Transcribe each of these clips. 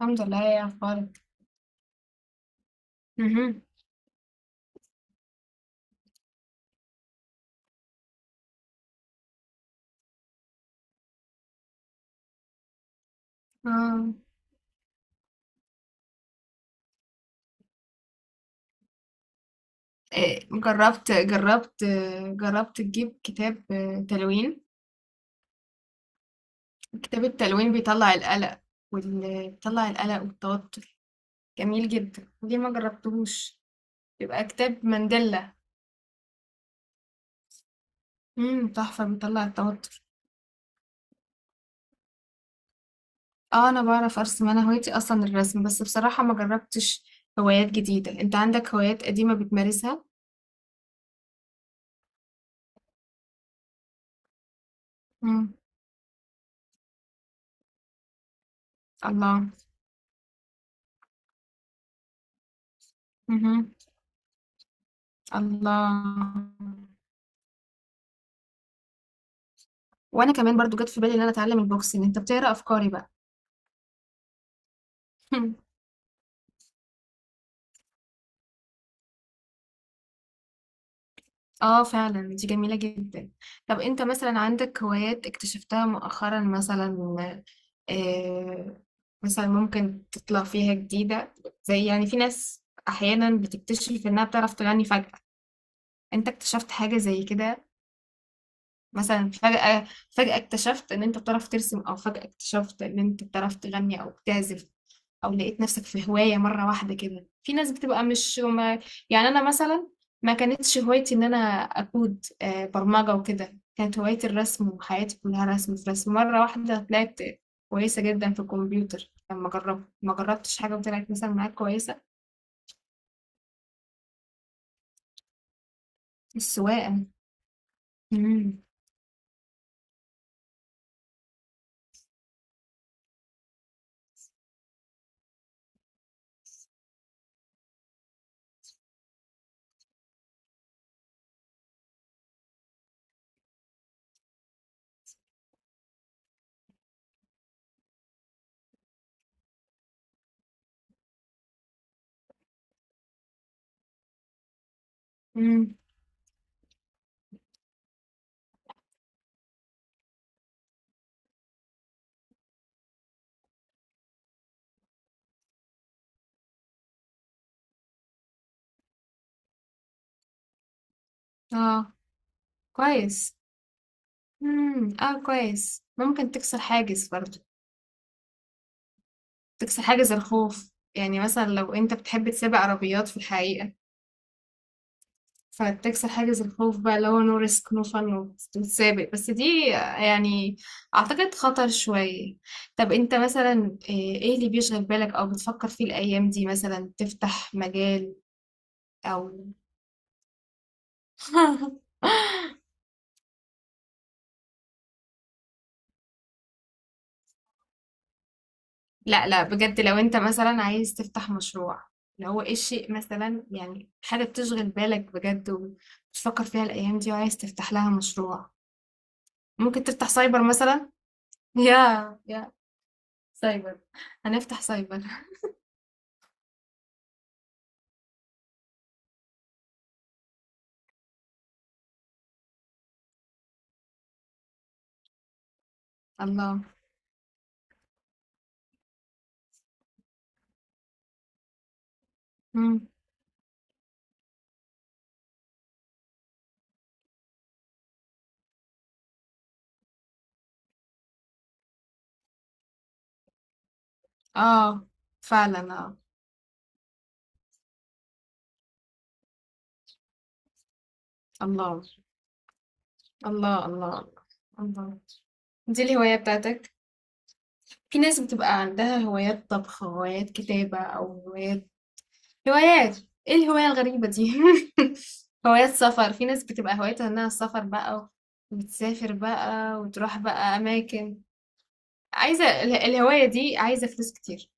الحمد لله، يا اخبارك؟ مهم. اه. إيه، جربت جربت تجيب كتاب آه، تلوين. كتاب التلوين بيطلع القلق، بيطلع القلق والتوتر. جميل جدا، ليه ما جربتهوش؟ بيبقى كتاب مانديلا. تحفة، بيطلع التوتر. اه، انا بعرف ارسم، انا هوايتي اصلا الرسم، بس بصراحة ما جربتش. هوايات جديدة، انت عندك هوايات قديمة بتمارسها؟ امم. الله. امم. الله. وانا كمان برضو جت في بالي ان انا اتعلم البوكسنج، انت بتقرا افكاري بقى؟ اه، فعلا دي جميلة جدا. طب انت مثلا عندك هوايات اكتشفتها مؤخرا مثلا؟ آه مثلا ممكن تطلع فيها جديدة، زي يعني في ناس احيانا بتكتشف انها بتعرف تغني فجأة. انت اكتشفت حاجة زي كده؟ مثلا فجأة اكتشفت ان انت بتعرف ترسم، او فجأة اكتشفت ان انت بتعرف تغني او بتعزف، او لقيت نفسك في هواية مرة واحدة كده. في ناس بتبقى مش ما، يعني انا مثلا ما كانتش هوايتي ان انا اكود برمجة وكده، كانت هوايتي الرسم وحياتي كلها رسم في رسم. مرة واحدة طلعت كويسة جدا في الكمبيوتر لما جربت، ما جربتش حاجة وطلعت مثلا معاك كويسة. السواقة. امم. امم، اه، كويس. امم، اه، كويس، ممكن تكسر حاجز برضه. تكسر حاجز الخوف يعني، مثلا لو انت بتحب تسابق عربيات في الحقيقة، فتكسر حاجز الخوف بقى اللي هو نو ريسك نو فن، وتسابق. بس دي يعني اعتقد خطر شوية. طب انت مثلا إيه اللي بيشغل بالك او بتفكر فيه الايام دي، مثلا تفتح مجال، او... لا، لا بجد، لو انت مثلا عايز تفتح مشروع، اللي هو ايه الشيء مثلا، يعني حاجة بتشغل بالك بجد وبتفكر فيها الايام دي وعايز تفتح لها مشروع؟ ممكن تفتح سايبر مثلا. يا سايبر. هنفتح سايبر. الله. إمم. آه، فعلًا آه. الله، الله، الله، الله. دي الهواية بتاعتك؟ في ناس بتبقى عندها هوايات طبخ، هوايات كتابة، أو هوايات، هوايات، إيه الهواية الغريبة دي؟ هوايات سفر، في ناس بتبقى هوايتها إنها السفر بقى، وتسافر بقى وتروح بقى أماكن. عايزة الهواية دي عايزة فلوس كتير.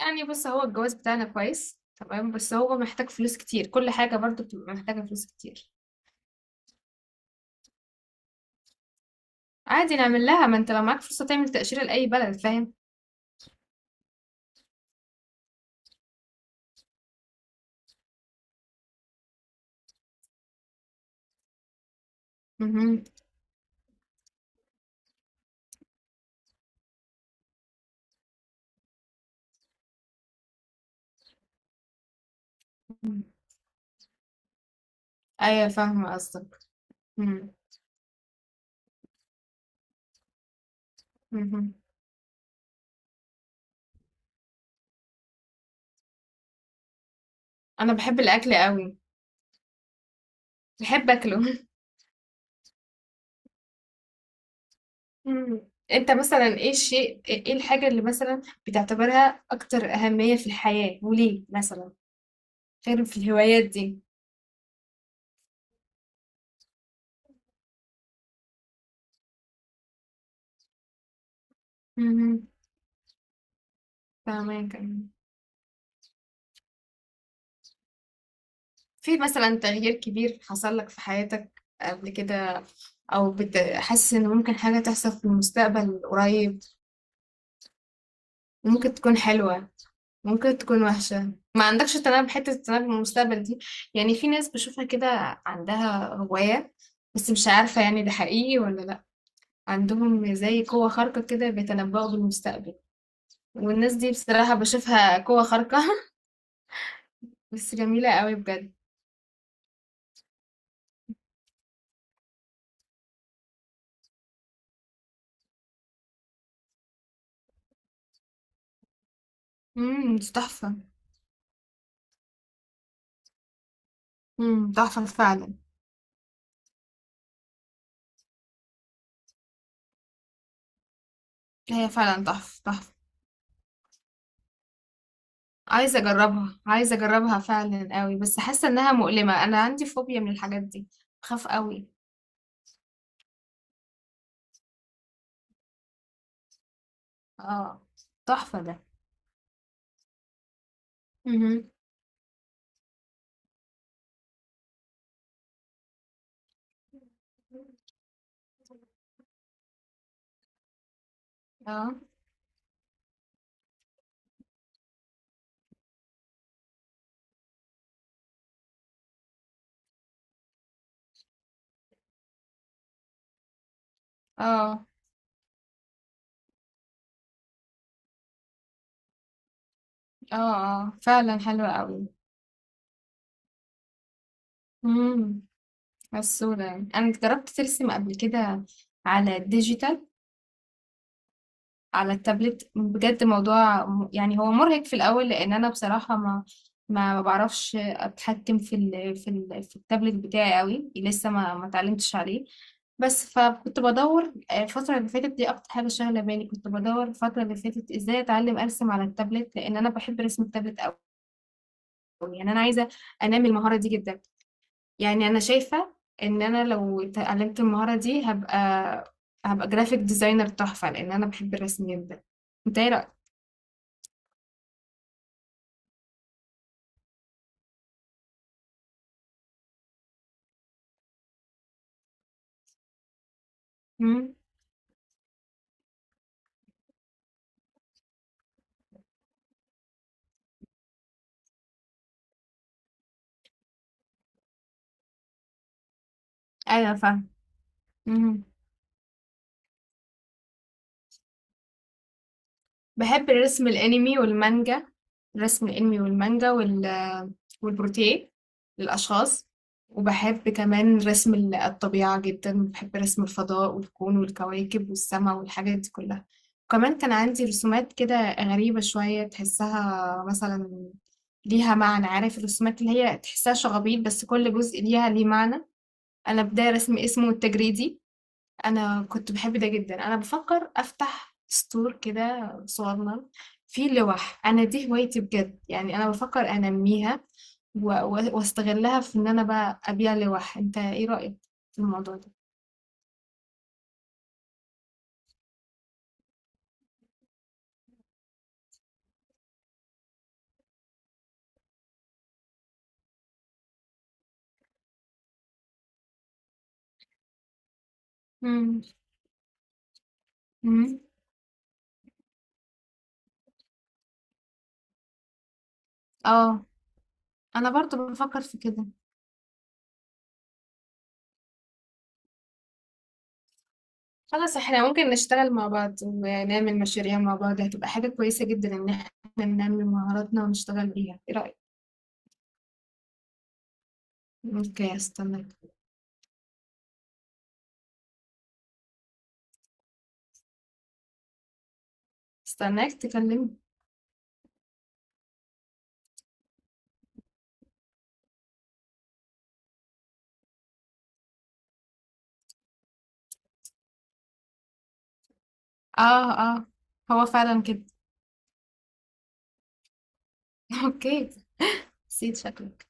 يعني بُص، هو الجواز بتاعنا كويس، تمام، بس هو محتاج فلوس كتير، كل حاجة برضه بتبقى محتاجة فلوس كتير. عادي نعمل لها، ما انت لو معاك فرصة تعمل تأشيرة لأي بلد فاهم. مهم. ايوه فاهمة قصدك. مهم. مهم. انا بحب الاكل قوي، بحب اكله. مهم. انت مثلا ايه الشيء، ايه الحاجة اللي مثلا بتعتبرها اكتر اهمية في الحياة وليه مثلا، غير في الهوايات دي؟ مهم. فاهمك. في مثلا تغيير كبير حصل لك في حياتك قبل كده، او حاسس ان ممكن حاجة تحصل في المستقبل قريب وممكن تكون حلوة، ممكن تكون وحشة؟ ما عندكش تنبؤ، حتة التنبؤ بالمستقبل دي؟ يعني في ناس بشوفها كده عندها هواية، بس مش عارفة يعني ده حقيقي ولا لأ، عندهم زي قوة خارقة كده بيتنبؤوا بالمستقبل. والناس دي بصراحة بشوفها قوة خارقة. بس جميلة قوي بجد. امم، دي تحفة. امم، تحفة فعلا. هي فعلا تحفة تحفة. عايزة أجربها، عايزة أجربها فعلا قوي، بس حاسة إنها مؤلمة، أنا عندي فوبيا من الحاجات دي، بخاف قوي. اه، تحفة ده. مهم. آه، آه، آه، آه، فعلًا حلوة أوي. إمم، غسولة يعني. أنا جربت ترسم قبل كده على الdigital، على التابلت، بجد موضوع يعني هو مُرهق في الأول، لإن أنا بصراحة ما باعرفش أتحكم في التابلت بتاعي أوي، لسه ما اتعلمتش عليه. بس فكنت بادوّر الفترة اللي فاتت دي أكتر حاجة شاغلة بالي، كنت بادوّر الفترة اللي فاتت إزاي أتعلم أرسم على التابلت، لإن أنا باحب رسم التابلت أوي. يعني أنا عايزة أنمّي المهارة دي جدًا. يعني انا شايفة ان انا لو اتعلمت المهارة دي هبقى جرافيك ديزاينر تحفة، لان انا بحب الرسم جدا. انت ايه رأيك؟ مم. ايوه فاهم. بحب الرسم الانمي والمانجا. الرسم الانمي والمانجا وال، والبروتيه للاشخاص. وبحب كمان رسم الطبيعة جدا، بحب رسم الفضاء والكون والكواكب والسماء والحاجات دي كلها. وكمان كان عندي رسومات كده غريبة شوية، تحسها مثلا ليها معنى. عارف الرسومات اللي هي تحسها شغبيط بس كل جزء ليها ليه معنى؟ أنا بداية رسم اسمه التجريدي. أنا كنت باحب ده جدًا. أنا بافكّر أفتح store كده صغنّن فيه لوَح، أنا دي هوايتي بجد، يعني أنا بافكّر أنمّيها و و واستغلّها في إن أنا بقى أبيع لوَح، أنت إيه رأيك في الموضوع ده؟ إمم. إمم. آه، أنا برضه بافكّر في كده. خلاص إحنا ممكن نشتغل مع بعض ونعمل مشاريع مع بعض، هتبقى حاجة كويسة جدًا إن إحنا ننمّي مهاراتنا ونشتغل بيها، إيه رأيك؟ أوكي، هاستناك. هاستناك تكلمني. آه، آه، هو فعلًا كده. أوكي، نسيت شكلك.